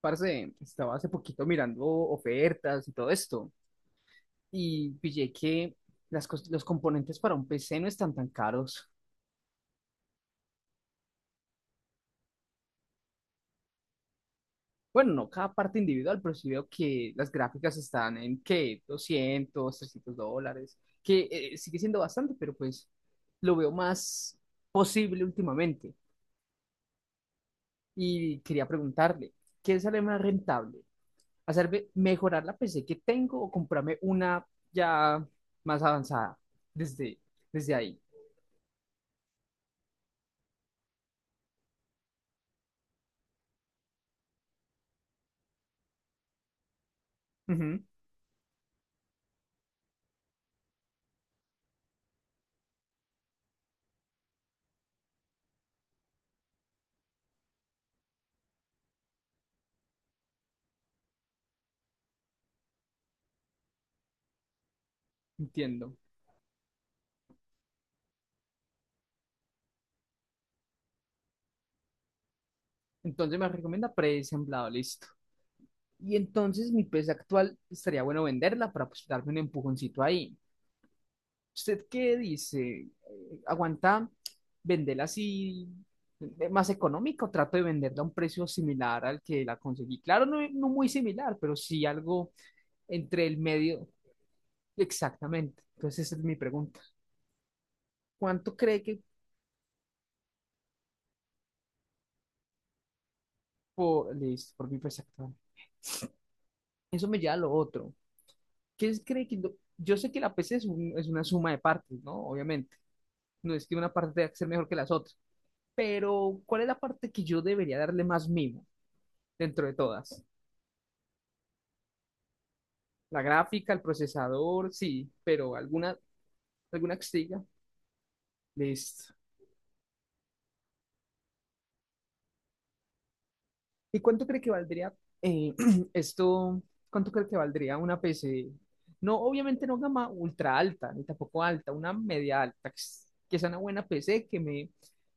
Parce, estaba hace poquito mirando ofertas y todo esto y pillé que los componentes para un PC no están tan caros. Bueno, no cada parte individual, pero sí veo que las gráficas están en qué 200 $300, que sigue siendo bastante, pero pues lo veo más posible últimamente. Y quería preguntarle, ¿qué sale más rentable? Hacerme mejorar la PC que tengo o comprarme una ya más avanzada desde, desde ahí. Ujú, entiendo. Entonces me recomienda presemblado, listo. Y entonces mi pez actual estaría bueno venderla para pues darme un empujoncito ahí. ¿Usted qué dice? ¿Aguanta venderla así más económico? Trato de venderla a un precio similar al que la conseguí. Claro, no, no muy similar, pero sí algo entre el medio. Exactamente. Entonces esa es mi pregunta. ¿Cuánto cree que por, listo, por mi pez actual? Eso me lleva a lo otro. ¿Qué cree que yo sé que la PC es, es una suma de partes, ¿no? Obviamente. No es que una parte tenga que ser mejor que las otras. Pero, ¿cuál es la parte que yo debería darle más mimo dentro de todas? La gráfica, el procesador, sí, pero alguna que se diga, listo. ¿Y cuánto cree que valdría eh, esto? ¿Cuánto cree que valdría una PC? No, obviamente no gama ultra alta, ni tampoco alta, una media alta, que que sea una buena PC que me,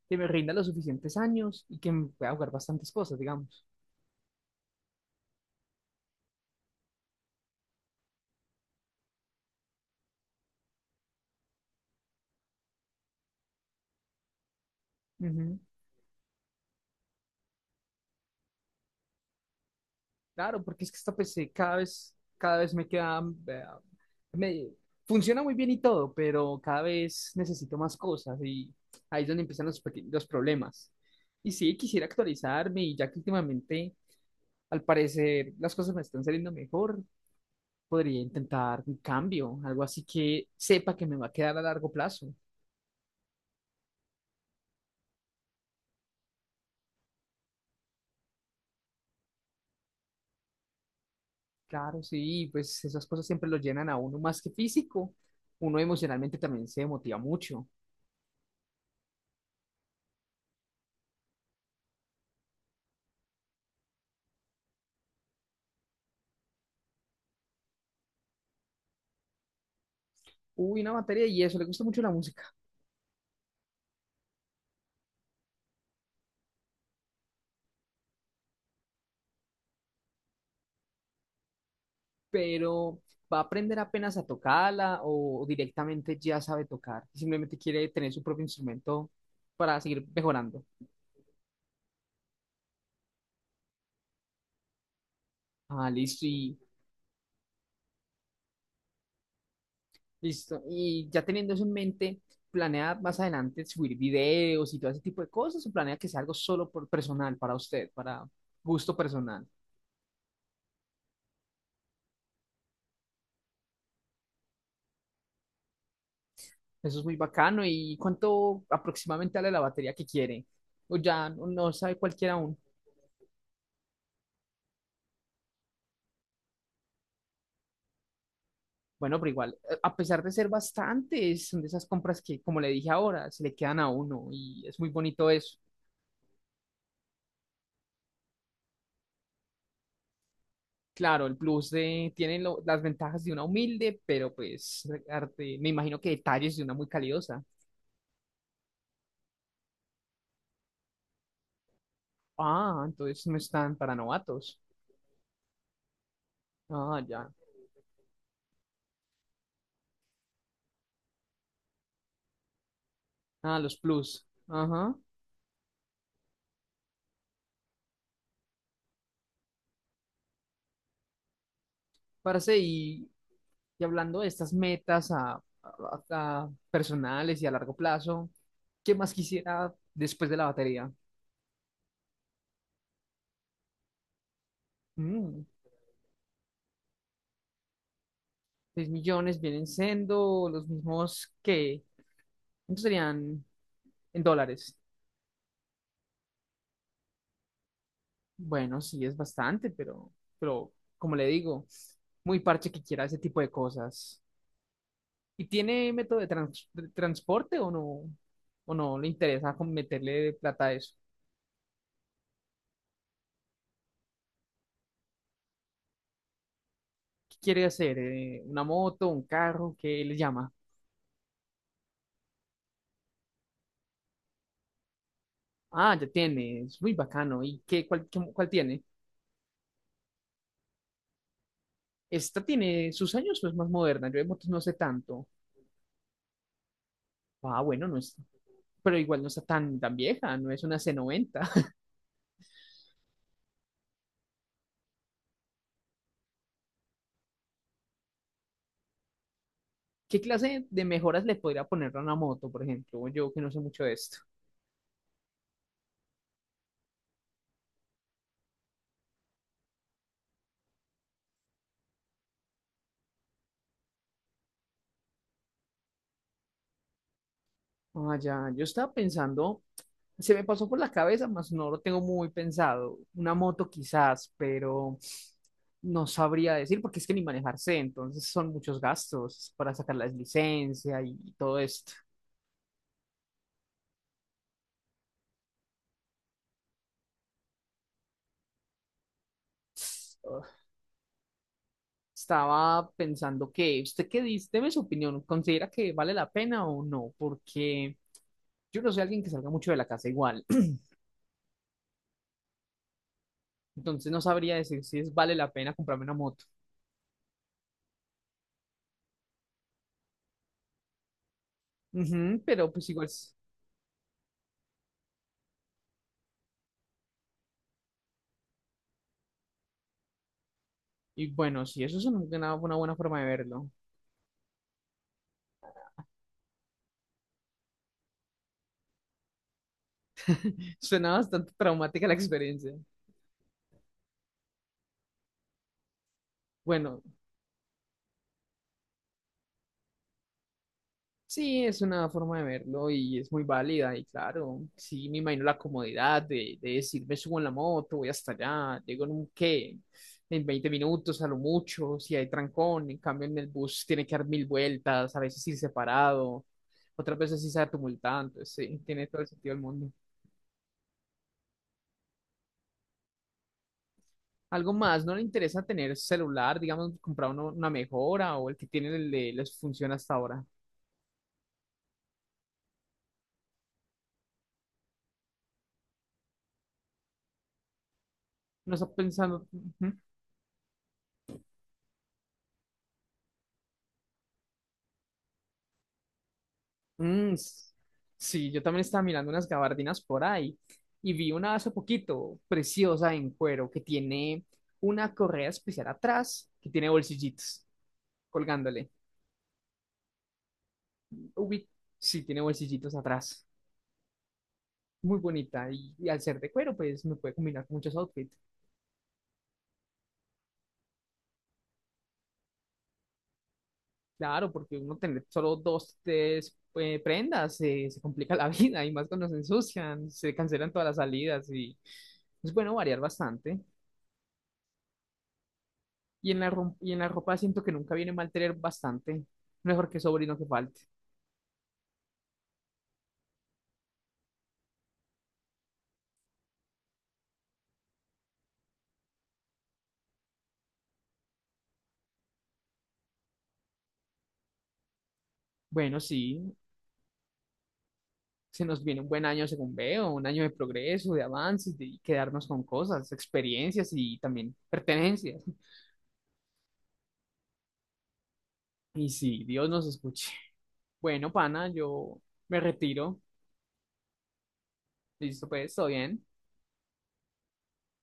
que me rinda los suficientes años y que me pueda jugar bastantes cosas, digamos. Ujú. Claro, porque es que esta PC cada vez me queda, eh, me, funciona muy bien y todo, pero cada vez necesito más cosas y ahí es donde empiezan los problemas. Y sí, quisiera actualizarme y ya que últimamente, al parecer, las cosas me están saliendo mejor. Podría intentar un cambio, algo así que sepa que me va a quedar a largo plazo. Claro, sí, pues esas cosas siempre lo llenan a uno más que físico. Uno emocionalmente también se motiva mucho. Uy, una materia y eso, le gusta mucho la música, pero va a aprender apenas a tocarla o directamente ya sabe tocar. Simplemente quiere tener su propio instrumento para seguir mejorando. Ah, listo. Listo. Y ya teniendo eso en mente, ¿planea más adelante subir videos y todo ese tipo de cosas o planea que sea algo solo por personal, para usted, para gusto personal? Eso es muy bacano. ¿Y cuánto aproximadamente vale la batería que quiere? O ya no sabe cualquiera aún. Bueno, pero igual, a pesar de ser bastantes, son de esas compras que, como le dije ahora, se le quedan a uno y es muy bonito eso. Claro, el plus tiene las ventajas de una humilde, pero pues me imagino que detalles de una muy calidosa. Ah, entonces no están para novatos. Ah, ya. Ah, los plus. Ajá. Parce, y hablando de estas metas a personales y a largo plazo, ¿qué más quisiera después de la batería? Mm, 6 millones vienen siendo los mismos que... ¿Cuántos serían en dólares? Bueno, sí, es bastante, pero como le digo, muy parche que quiera ese tipo de cosas. ¿Y tiene método de transporte o no? ¿O no le interesa con meterle plata a eso? ¿Qué quiere hacer? ¿Una moto, un carro? ¿Qué le llama? Ah, ya tiene, es muy bacano. ¿Y cuál tiene? ¿Esta tiene sus años o es más moderna? Yo de motos no sé tanto. Ah, bueno, no es, pero igual no está tan, tan vieja, no es una C90. ¿Qué clase de mejoras le podría poner a una moto, por ejemplo? Yo que no sé mucho de esto. Ah, ya, yo estaba pensando, se me pasó por la cabeza, mas no lo tengo muy pensado. Una moto quizás, pero no sabría decir porque es que ni manejar sé, entonces son muchos gastos para sacar la licencia y todo esto. Ugh. Estaba pensando que, ¿usted qué dice? Deme su opinión, ¿considera que vale la pena o no? Porque yo no soy alguien que salga mucho de la casa igual, entonces no sabría decir si es vale la pena comprarme una moto. Ujú, pero pues igual. Y bueno, sí, eso es una buena forma de verlo. Suena bastante traumática la experiencia. Bueno, sí, es una forma de verlo y es muy válida. Y claro, sí, me imagino la comodidad de decir, me subo en la moto, voy hasta allá, llego en un qué, en 20 minutos a lo mucho, si hay trancón. En cambio, en el bus tiene que dar mil vueltas, a veces ir separado, otras veces sí se tumultante. Sí, tiene todo el sentido del mundo. Algo más, ¿no le interesa tener celular, digamos, comprar una mejora o el que tiene les funciona hasta ahora? No está pensando. Ujú. Mm, sí, yo también estaba mirando unas gabardinas por ahí y vi una hace poquito, preciosa en cuero, que tiene una correa especial atrás, que tiene bolsillitos colgándole. Ubi, sí, tiene bolsillitos atrás. Muy bonita y al ser de cuero, pues me puede combinar con muchos outfits. Claro, porque uno tener solo dos, tres prendas se complica la vida y más cuando se ensucian, se cancelan todas las salidas y es bueno variar bastante. Y en la ropa siento que nunca viene mal tener bastante, mejor que sobre y no que falte. Bueno, sí, se nos viene un buen año según veo, un año de progreso, de avances, de quedarnos con cosas, experiencias y también pertenencias. Y sí, Dios nos escuche. Bueno, pana, yo me retiro. Listo, pues, todo bien.